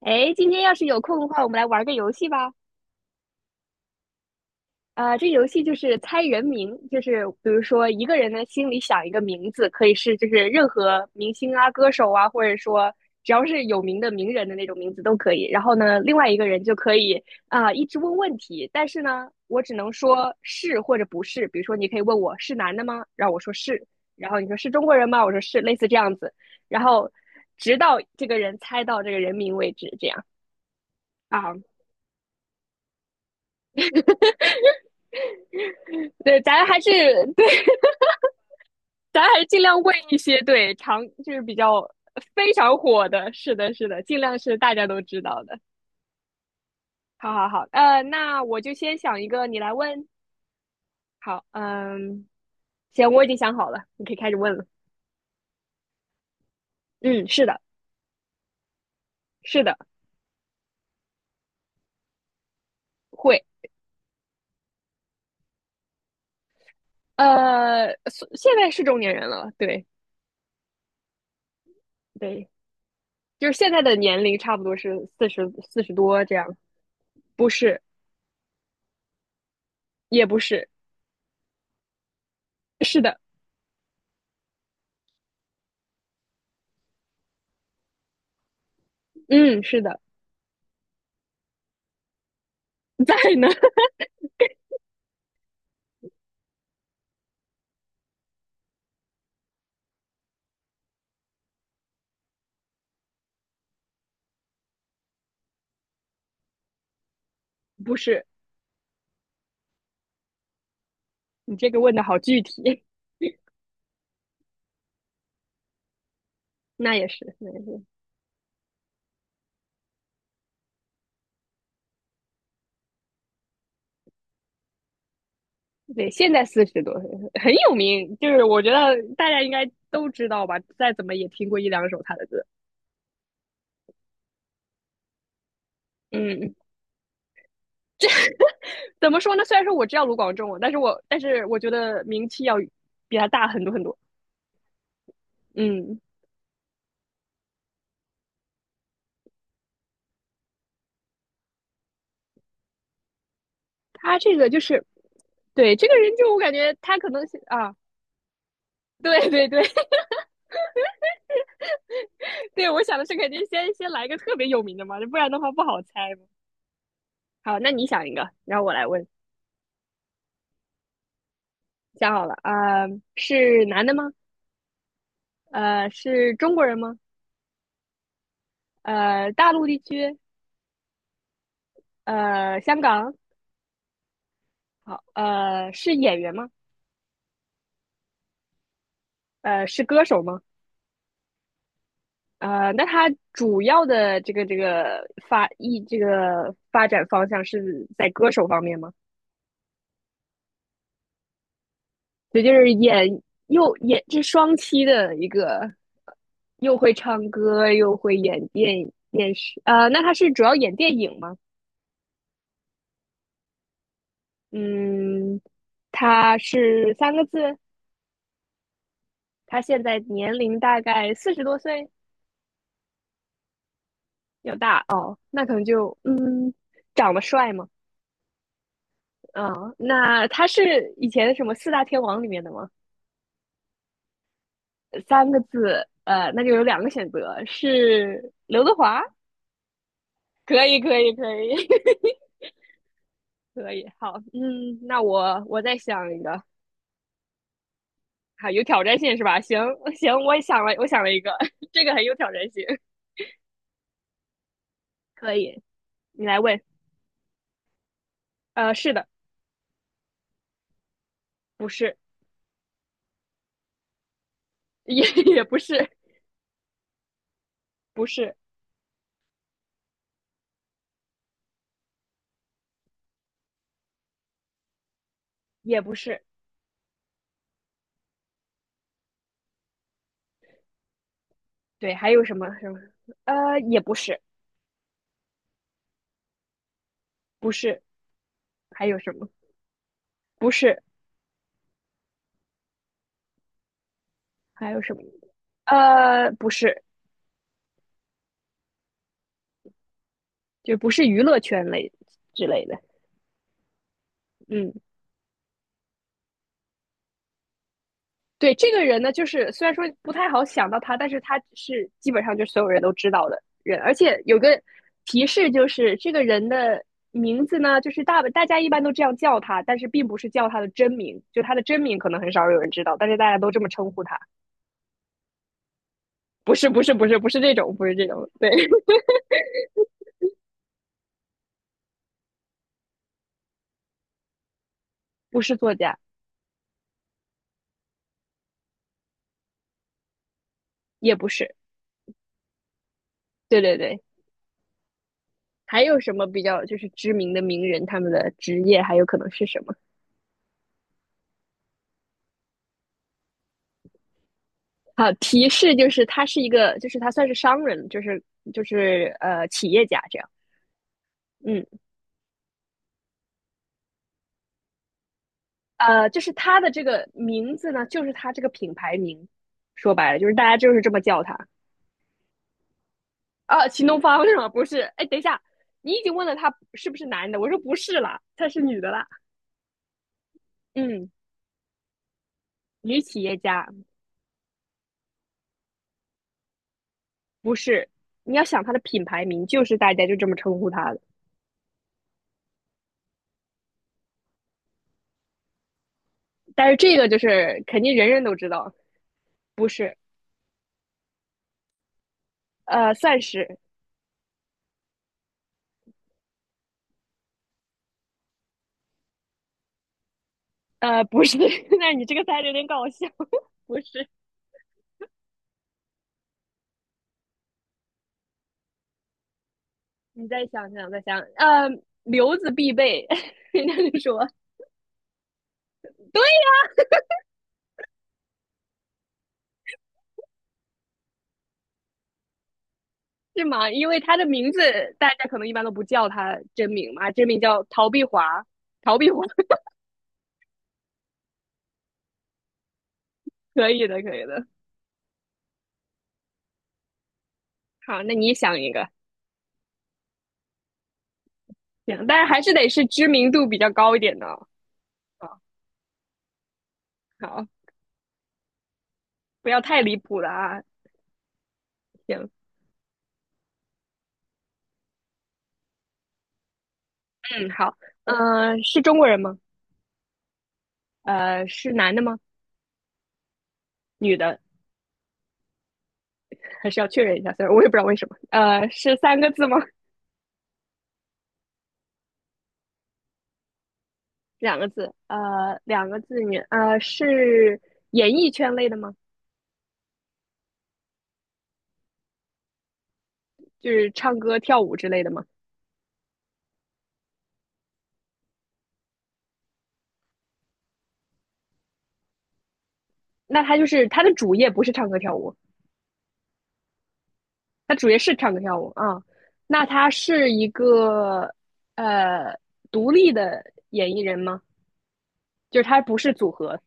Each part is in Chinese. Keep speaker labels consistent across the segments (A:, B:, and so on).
A: 哎，今天要是有空的话，我们来玩个游戏吧。这游戏就是猜人名，就是比如说一个人呢心里想一个名字，可以是就是任何明星啊、歌手啊，或者说只要是有名的名人的那种名字都可以。然后呢，另外一个人就可以一直问问题，但是呢，我只能说是或者不是。比如说，你可以问我是男的吗？然后我说是，然后你说是中国人吗？我说是，类似这样子，然后直到这个人猜到这个人名为止，这样。啊，对，咱还是对，咱还是尽量问一些对常就是比较非常火的，是的，是的，尽量是大家都知道的。好好好，那我就先想一个，你来问。好，嗯，行，我已经想好了，你可以开始问了。嗯，是的，是的，会。现在是中年人了，对对，就是现在的年龄差不多是四十多这样，不是，也不是，是的，嗯，是的，在呢，不是，你这个问的好具体，那也是，那也是，对，现在四十多岁很有名，就是我觉得大家应该都知道吧，再怎么也听过一两首他的歌。嗯，怎么说呢？虽然说我知道卢广仲，但是我觉得名气要比他大很多很多。嗯，他这个就是，对这个人就我感觉他可能是啊，对对对 对，我想的是肯定先来一个特别有名的嘛，不然的话不好猜嘛。好，那你想一个，然后我来问。想好了啊，是男的吗？是中国人吗？大陆地区，香港，好，是演员吗？是歌手吗？那他主要的这个这个发艺这个发展方向是在歌手方面吗？对，就是又演这双栖的一个，又会唱歌又会演电视，那他是主要演电影吗？嗯，他是三个字，他现在年龄大概四十多岁。要大哦，那可能就长得帅嘛，嗯，那他是以前什么四大天王里面的吗？三个字，那就有两个选择，是刘德华，可以，可以，可以，可以，好，嗯，那我再想一个，好，有挑战性是吧？行行，我也想了，我想了一个，这个很有挑战性，可以，你来问，是的，不是，也 也不是，不是，也不是，对，还有什么什么，也不是，不是。还有什么？不是，还有什么？不是，就不是娱乐圈类之类的。嗯，对，这个人呢，就是虽然说不太好想到他，但是他是基本上就是所有人都知道的人，而且有个提示就是这个人的名字呢，就是大家一般都这样叫他，但是并不是叫他的真名，就他的真名可能很少有人知道，但是大家都这么称呼他。不是，不是，不是，不是这种，不是这种，对，不是作家，也不是，对对对，还有什么比较就是知名的名人，他们的职业还有可能是什么？好，提示就是他是一个，就是他算是商人，就是企业家这样。嗯，就是他的这个名字呢，就是他这个品牌名，说白了就是大家就是这么叫他啊。秦东方是吗？不是，哎，等一下，你已经问了他是不是男的，我说不是啦，他是女的啦。嗯，女企业家不是。你要想他的品牌名，就是大家就这么称呼他的。但是这个就是肯定人人都知道，不是，算是，不是。那你这个猜的有点搞笑，不是。你再想想，再想，留子必备。人家就说，对呀、是吗？因为他的名字大家可能一般都不叫他真名嘛，真名叫陶碧华，陶碧华，可以的，可以的。好，那你想一个，行，但是还是得是知名度比较高一点的哦。好，好，不要太离谱了啊。行，嗯，好，嗯、是中国人吗？是男的吗？女的？还是要确认一下，虽然我也不知道为什么。是三个字吗？两个字？两个字女？是演艺圈类的吗？就是唱歌、跳舞之类的吗？那她就是她的主业不是唱歌跳舞，她主业是唱歌跳舞啊。嗯那她是一个呃独立的演艺人吗？就是她不是组合，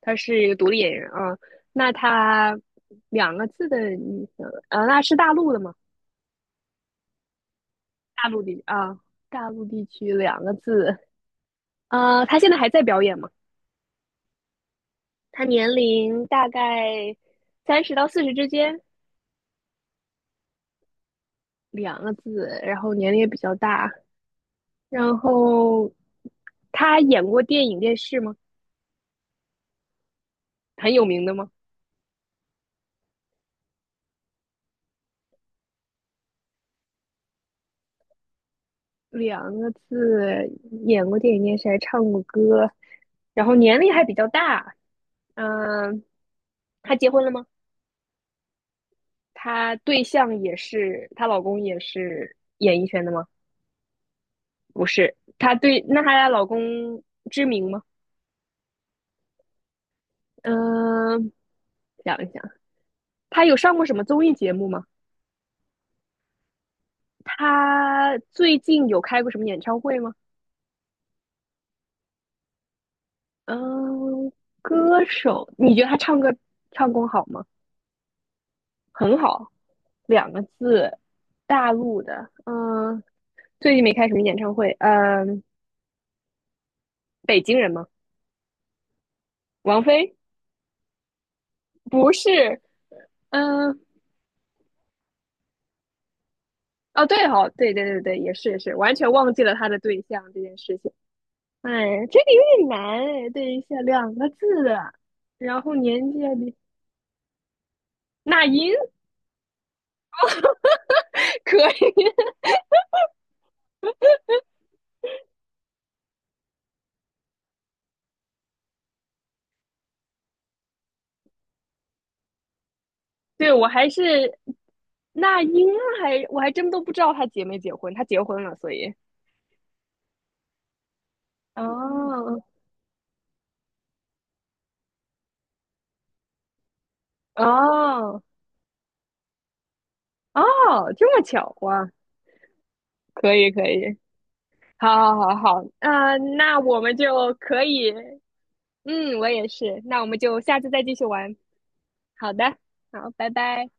A: 她是一个独立演员啊。嗯那她两个字的女生，那是大陆的吗？大陆的啊。大陆地区两个字，他现在还在表演吗？他年龄大概30到40之间，两个字，然后年龄也比较大。然后他演过电影、电视吗？很有名的吗？两个字，演过电影、电视，还唱过歌，然后年龄还比较大。嗯、他结婚了吗？他对象也是，她老公也是演艺圈的吗？不是，她对，那她老公知名吗？嗯、想一想。他有上过什么综艺节目吗？他最近有开过什么演唱会吗？嗯，歌手，你觉得他唱歌唱功好吗？很好，两个字，大陆的。嗯，最近没开什么演唱会。嗯，北京人吗？王菲？不是。嗯，哦，对哦，对对对对，也是也是，完全忘记了他的对象这件事情。哎，这个有点难哎，对一下两个字的然后年纪还比那英，可以。对，我还是那英我还真都不知道她结没结婚，她结婚了，所以哦哦，哦，这么巧哇！可以可以，好好好好，啊，那我们就可以，我也是，那我们就下次再继续玩，好的，好，拜拜。